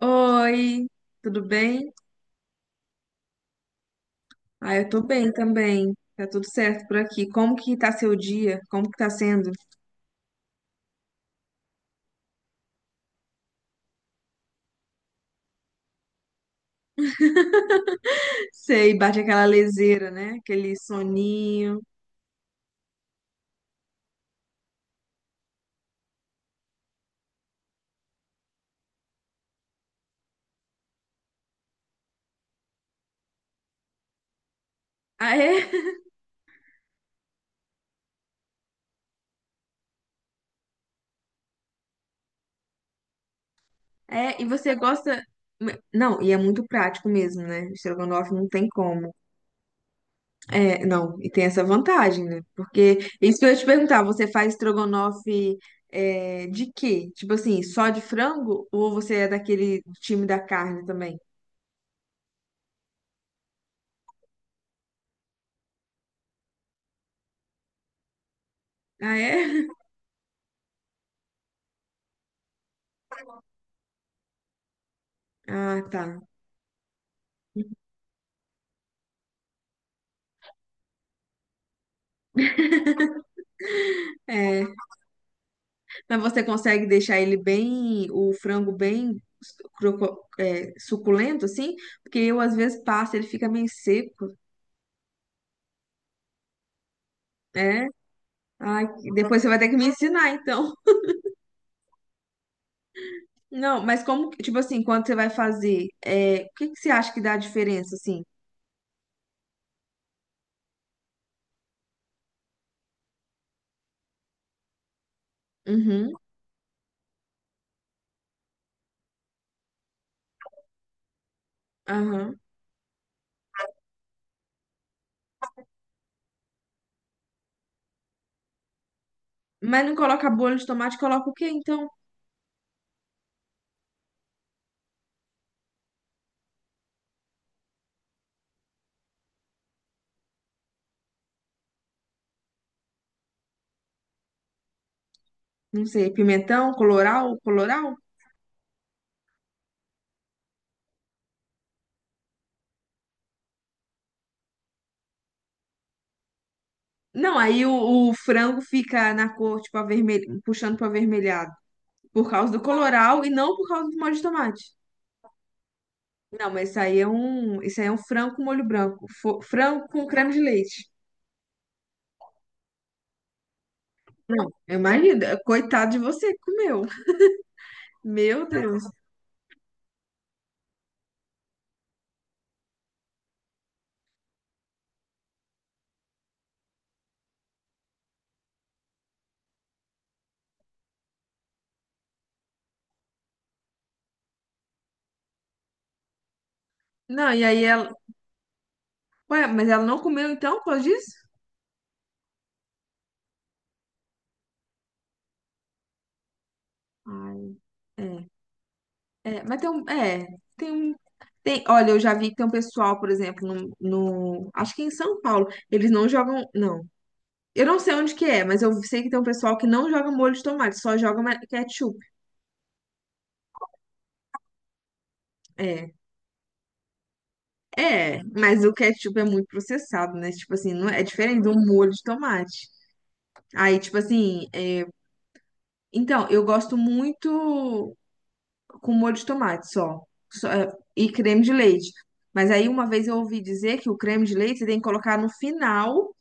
Oi, tudo bem? Ah, eu tô bem também. Tá tudo certo por aqui. Como que tá seu dia? Como que tá sendo? Sei, bate aquela leseira, né? Aquele soninho. Ah, é? É, e você gosta. Não, e é muito prático mesmo, né? Estrogonofe não tem como. É, não, e tem essa vantagem, né? Porque isso que eu ia te perguntar, você faz estrogonofe de quê? Tipo assim, só de frango? Ou você é daquele time da carne também? Ah, é? Ah, tá. É. Mas você consegue deixar ele bem, o frango bem suculento, assim? Porque eu, às vezes, passo, ele fica meio seco. É? Ai, depois você vai ter que me ensinar, então. Não, mas como, tipo assim, quando você vai fazer, o que que você acha que dá a diferença, assim? Uhum, aham. Mas não coloca bolho de tomate, coloca o quê, então? Não sei, pimentão, coloral, coloral? Não, aí o frango fica na cor, tipo, avermelho, puxando para avermelhado. Por causa do coloral e não por causa do molho de tomate. Não, mas isso aí é um frango com molho branco. Frango com creme de leite. Não, imagina, coitado de você que comeu. Meu Deus. Não, e aí ela. Ué, mas ela não comeu então, por causa disso? Ai, é. É, mas tem um. É, tem um. Tem, olha, eu já vi que tem um pessoal, por exemplo, acho que em São Paulo, eles não jogam. Não. Eu não sei onde que é, mas eu sei que tem um pessoal que não joga molho de tomate, só joga ketchup. É. É, mas o ketchup é muito processado, né? Tipo assim, não é, é diferente do molho de tomate. Aí, tipo assim, então, eu gosto muito com molho de tomate só. Só, e creme de leite. Mas aí uma vez eu ouvi dizer que o creme de leite você tem que colocar no final,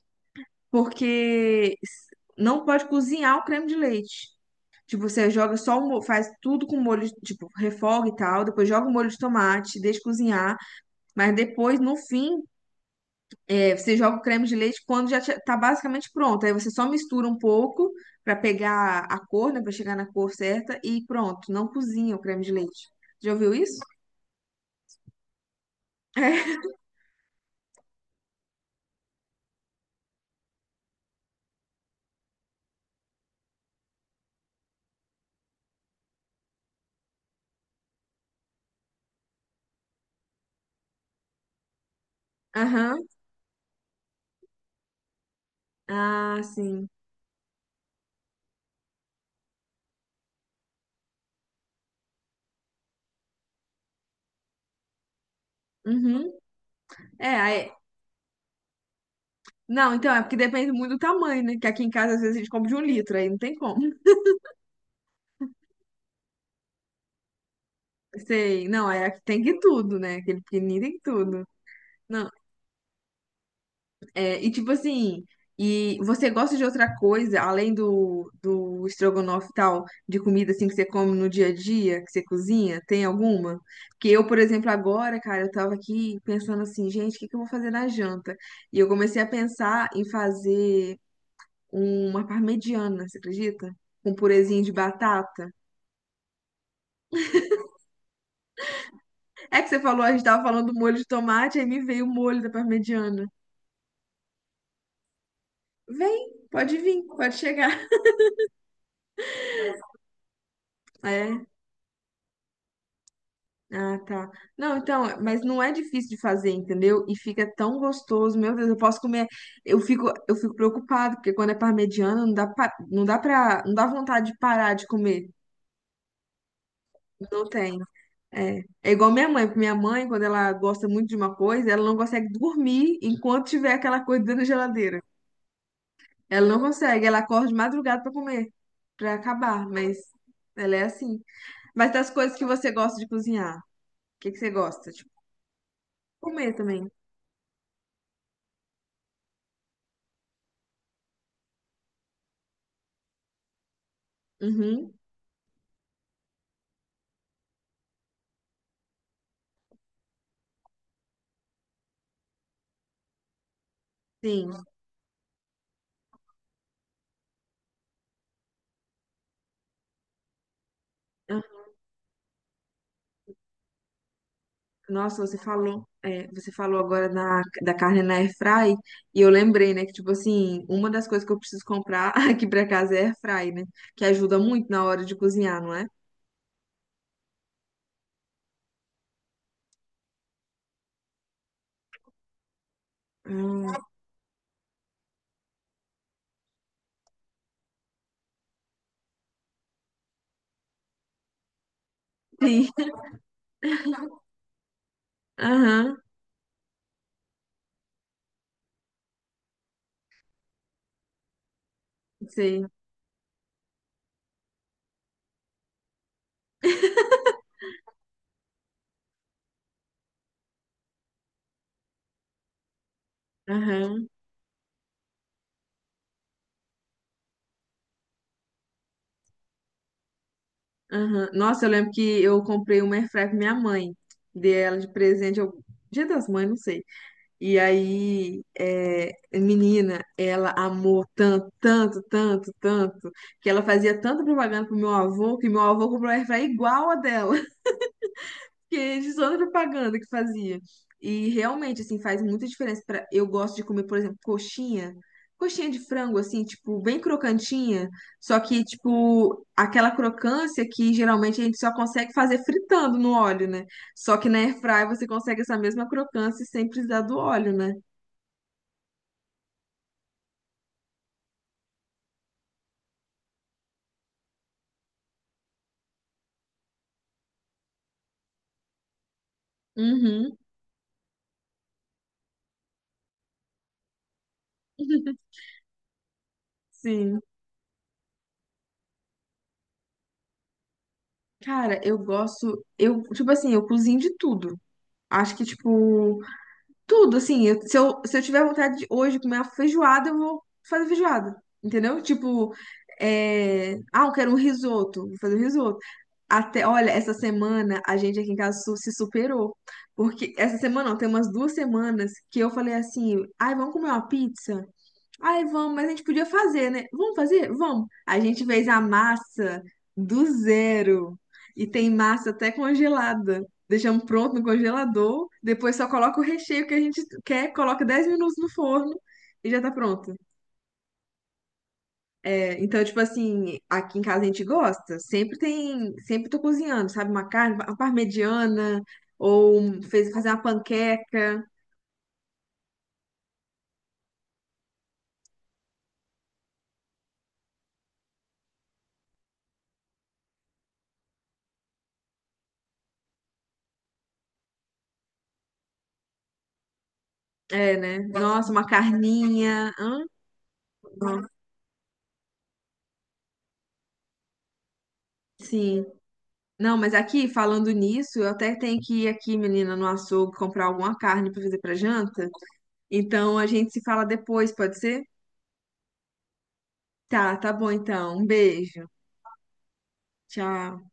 porque não pode cozinhar o creme de leite. Tipo, você joga só faz tudo com molho, tipo, refoga e tal, depois joga o molho de tomate, deixa cozinhar, mas depois, no fim, você joga o creme de leite quando já tá basicamente pronto. Aí você só mistura um pouco pra pegar a cor, né? Pra chegar na cor certa e pronto. Não cozinha o creme de leite. Já ouviu isso? É. Aham. Ah, sim. Uhum. É, aí... Não, então é porque depende muito do tamanho, né? Que aqui em casa às vezes a gente compra de um litro, aí não tem como. Sei. Não, é aqui tem que tudo, né? Aquele pequenininho tem que tudo. Não, é. E tipo assim, e você gosta de outra coisa além do estrogonofe e tal, de comida assim que você come no dia a dia, que você cozinha? Tem alguma? Porque eu, por exemplo, agora, cara, eu tava aqui pensando assim, gente, o que que eu vou fazer na janta? E eu comecei a pensar em fazer uma parmegiana, você acredita? Com purezinho de batata. É que você falou, a gente tava falando do molho de tomate, aí me veio o molho da parmegiana. Vem, pode vir, pode chegar. É. Ah, tá. Não, então, mas não é difícil de fazer, entendeu? E fica tão gostoso, meu Deus, eu posso comer. Eu fico preocupado, porque quando é parmegiana, não dá vontade de parar de comer. Não tem. É. É igual minha mãe, porque minha mãe, quando ela gosta muito de uma coisa, ela não consegue dormir enquanto tiver aquela coisa dentro da geladeira. Ela não consegue, ela acorda de madrugada pra comer, pra acabar, mas ela é assim. Mas das coisas que você gosta de cozinhar, o que que você gosta? Tipo, comer também. Uhum. Sim, ah, nossa, você falou, agora da carne na airfry e eu lembrei, né, que tipo assim, uma das coisas que eu preciso comprar aqui pra casa é airfry, né, que ajuda muito na hora de cozinhar, não é? Hum, sim, aham, sei, aham, aham. Nossa, eu lembro que eu comprei uma airfry pra minha mãe, dei ela de presente, eu, Dia das Mães, não sei. E aí, menina, ela amou tanto, tanto, tanto, tanto, que ela fazia tanta propaganda pro meu avô, que meu avô comprou uma airfryer igual a dela, que é de toda propaganda que fazia. E realmente, assim, faz muita diferença. Para eu gosto de comer, por exemplo, coxinha, coxinha de frango, assim, tipo, bem crocantinha, só que, tipo, aquela crocância que geralmente a gente só consegue fazer fritando no óleo, né? Só que na airfryer você consegue essa mesma crocância sem precisar do óleo, né? Uhum. Sim. Cara, eu gosto. Eu, tipo assim, eu cozinho de tudo. Acho que, tipo, tudo, assim. Se eu tiver vontade de hoje comer uma feijoada, eu vou fazer feijoada. Entendeu? Tipo, ah, eu quero um risoto. Vou fazer um risoto. Até, olha, essa semana a gente aqui em casa se superou. Porque essa semana, não, tem umas 2 semanas que eu falei assim, ai, vamos comer uma pizza? Ai, vamos, mas a gente podia fazer, né? Vamos fazer? Vamos. A gente fez a massa do zero. E tem massa até congelada. Deixamos pronto no congelador. Depois só coloca o recheio que a gente quer, coloca 10 minutos no forno e já tá pronto. É, então, tipo assim, aqui em casa a gente gosta. Sempre tem. Sempre tô cozinhando, sabe? Uma carne, uma parmegiana. Ou fazer uma panqueca. É, né? Nossa, uma carninha. Hã? Nossa, sim. Não, mas aqui, falando nisso, eu até tenho que ir aqui, menina, no açougue comprar alguma carne pra fazer pra janta. Então a gente se fala depois, pode ser? Tá, tá bom então. Um beijo. Tchau.